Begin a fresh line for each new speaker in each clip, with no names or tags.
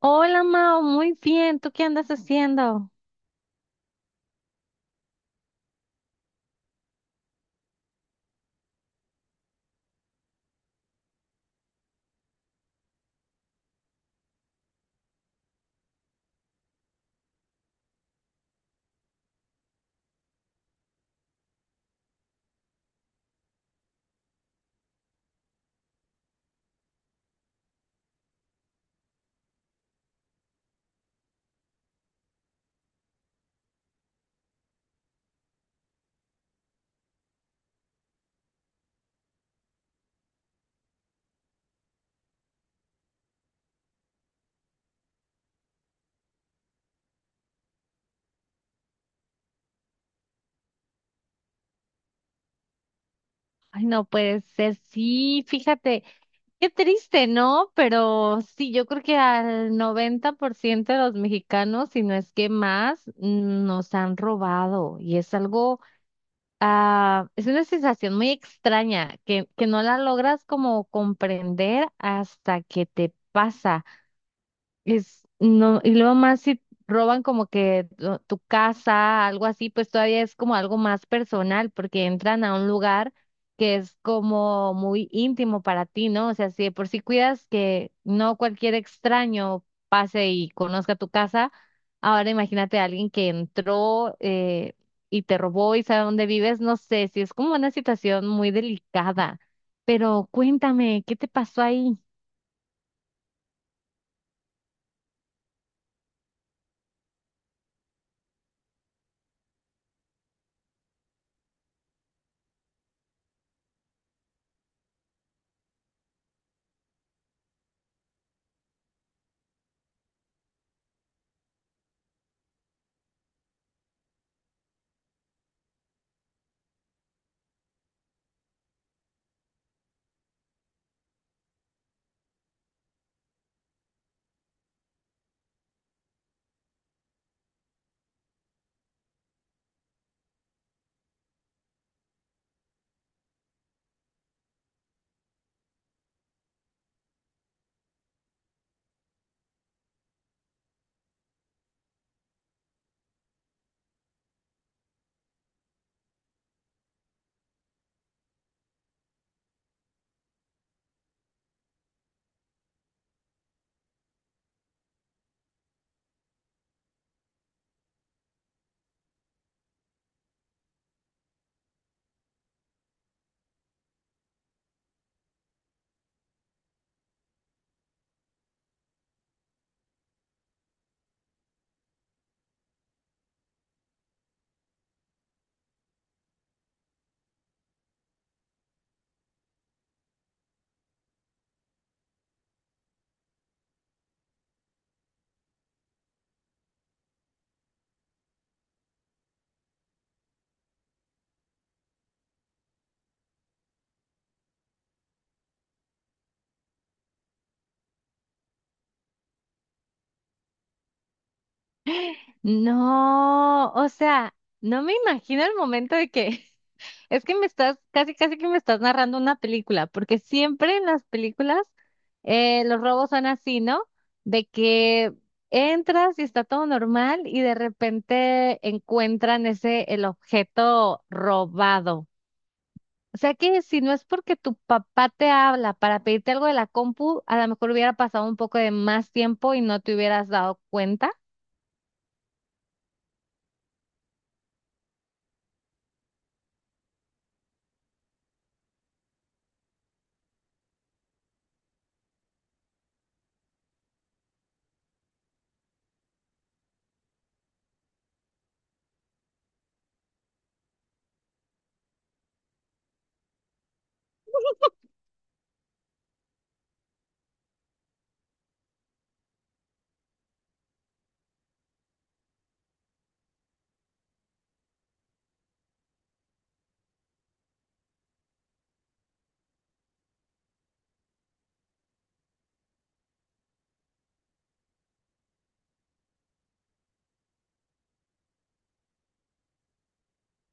Hola Mao, muy bien. ¿Tú qué andas haciendo? Ay, no puede ser. Sí, fíjate, qué triste, ¿no? Pero sí, yo creo que al 90% de los mexicanos, si no es que más, nos han robado. Y es algo, es una sensación muy extraña que no la logras como comprender hasta que te pasa. Es, no, y luego más si roban como que tu casa, algo así, pues todavía es como algo más personal, porque entran a un lugar que es como muy íntimo para ti, ¿no? O sea, si de por sí cuidas que no cualquier extraño pase y conozca tu casa, ahora imagínate a alguien que entró y te robó y sabe dónde vives, no sé, si es como una situación muy delicada. Pero cuéntame, ¿qué te pasó ahí? No, o sea, no me imagino el momento de que es que me estás, casi, casi que me estás narrando una película, porque siempre en las películas los robos son así, ¿no? De que entras y está todo normal y de repente encuentran ese, el objeto robado. O sea que si no es porque tu papá te habla para pedirte algo de la compu, a lo mejor hubiera pasado un poco de más tiempo y no te hubieras dado cuenta.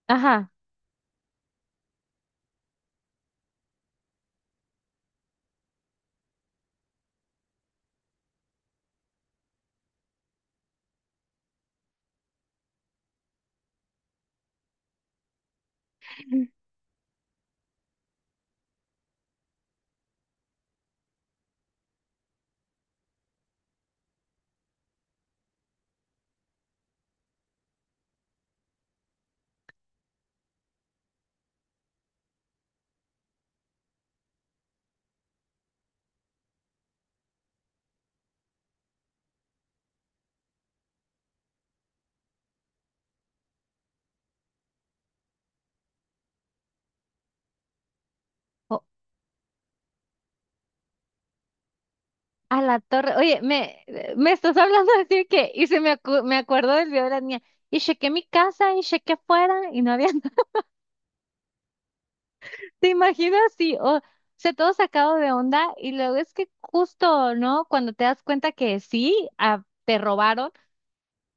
Ajá. A la torre. Oye, me estás hablando así que, y se me, me acuerdo del video de la niña. Y chequé mi casa y chequé afuera y no había nada. ¿Te imaginas? Sí, o sea, todo sacado de onda. Y luego es que justo, ¿no? Cuando te das cuenta que sí, te robaron,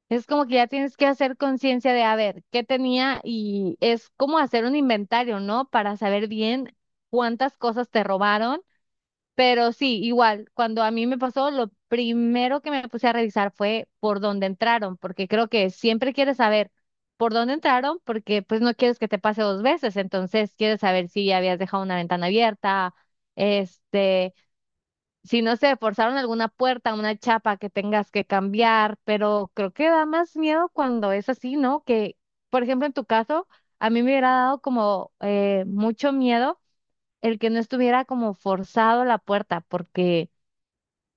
es como que ya tienes que hacer conciencia de, a ver, qué tenía y es como hacer un inventario, ¿no? Para saber bien cuántas cosas te robaron. Pero sí, igual, cuando a mí me pasó, lo primero que me puse a revisar fue por dónde entraron, porque creo que siempre quieres saber por dónde entraron, porque pues no quieres que te pase dos veces, entonces quieres saber si ya habías dejado una ventana abierta, este, si no sé, forzaron alguna puerta, una chapa que tengas que cambiar, pero creo que da más miedo cuando es así, ¿no? Que, por ejemplo, en tu caso, a mí me hubiera dado como mucho miedo el que no estuviera como forzado la puerta, porque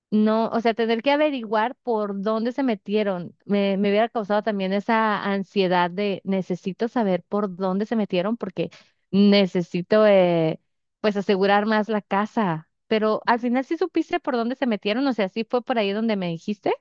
no, o sea, tener que averiguar por dónde se metieron, me hubiera causado también esa ansiedad de necesito saber por dónde se metieron porque necesito, pues, asegurar más la casa. Pero al final sí supiste por dónde se metieron, o sea, sí fue por ahí donde me dijiste.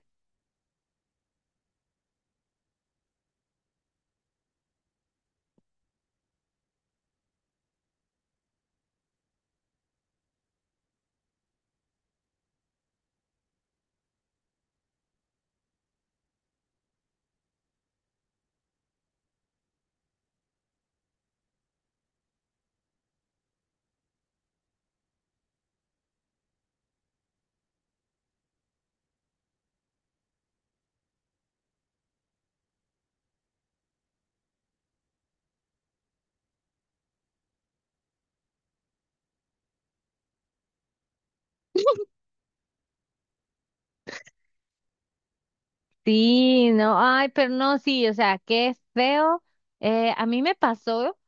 Sí, no, ay, pero no, sí, o sea, qué feo. A mí me pasó.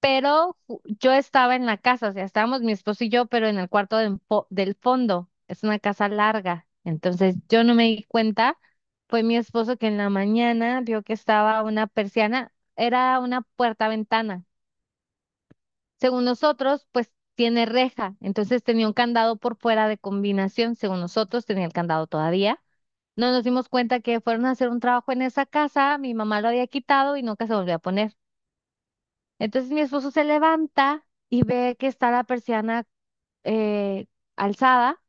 Pero yo estaba en la casa, o sea, estábamos mi esposo y yo, pero en el cuarto del, del fondo. Es una casa larga, entonces yo no me di cuenta. Fue mi esposo que en la mañana vio que estaba una persiana, era una puerta-ventana. Según nosotros, pues tiene reja, entonces tenía un candado por fuera de combinación, según nosotros tenía el candado todavía. No nos dimos cuenta que fueron a hacer un trabajo en esa casa, mi mamá lo había quitado y nunca se volvió a poner. Entonces mi esposo se levanta y ve que está la persiana eh, alzada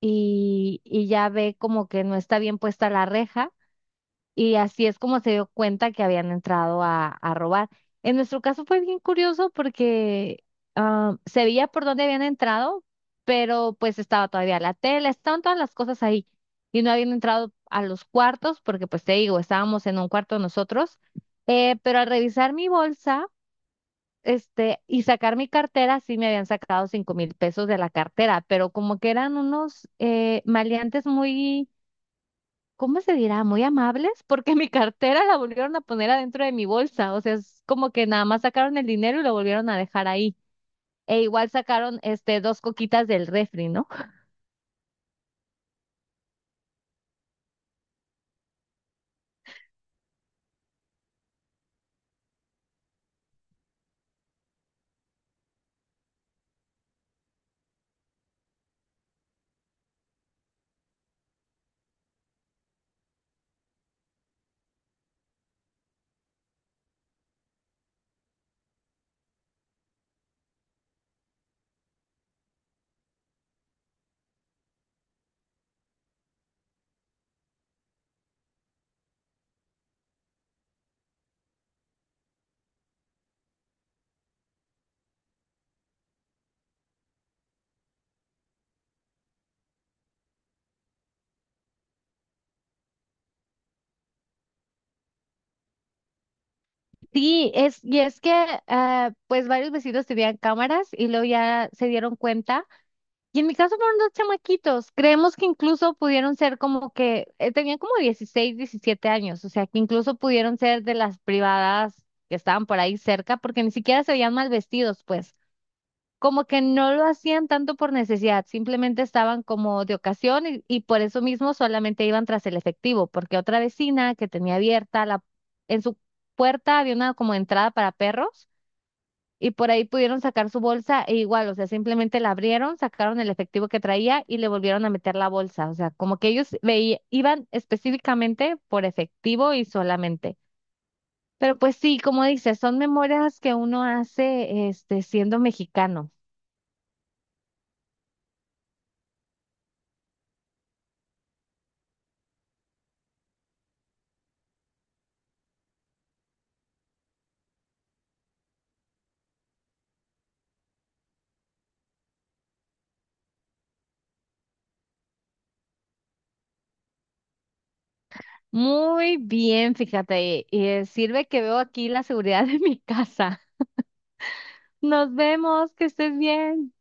y ya ve como que no está bien puesta la reja y así es como se dio cuenta que habían entrado a robar. En nuestro caso fue bien curioso porque se veía por dónde habían entrado, pero pues estaba todavía la tela, estaban todas las cosas ahí y no habían entrado a los cuartos porque pues te digo, estábamos en un cuarto nosotros, pero al revisar mi bolsa este, y sacar mi cartera, sí me habían sacado 5,000 pesos de la cartera, pero como que eran unos maleantes muy, ¿cómo se dirá? Muy amables, porque mi cartera la volvieron a poner adentro de mi bolsa, o sea, es como que nada más sacaron el dinero y lo volvieron a dejar ahí. E igual sacaron este dos coquitas del refri, ¿no? Sí, es, y es que pues varios vecinos tenían cámaras y luego ya se dieron cuenta. Y en mi caso fueron dos chamaquitos. Creemos que incluso pudieron ser como que tenían como 16, 17 años, o sea, que incluso pudieron ser de las privadas que estaban por ahí cerca, porque ni siquiera se veían mal vestidos, pues. Como que no lo hacían tanto por necesidad, simplemente estaban como de ocasión y por eso mismo solamente iban tras el efectivo, porque otra vecina que tenía abierta en su puerta había una como entrada para perros y por ahí pudieron sacar su bolsa e igual, o sea, simplemente la abrieron, sacaron el efectivo que traía y le volvieron a meter la bolsa, o sea, como que ellos veía, iban específicamente por efectivo y solamente. Pero pues sí, como dices, son memorias que uno hace este siendo mexicano. Muy bien, fíjate, y sirve que veo aquí la seguridad de mi casa. Nos vemos, que estés bien.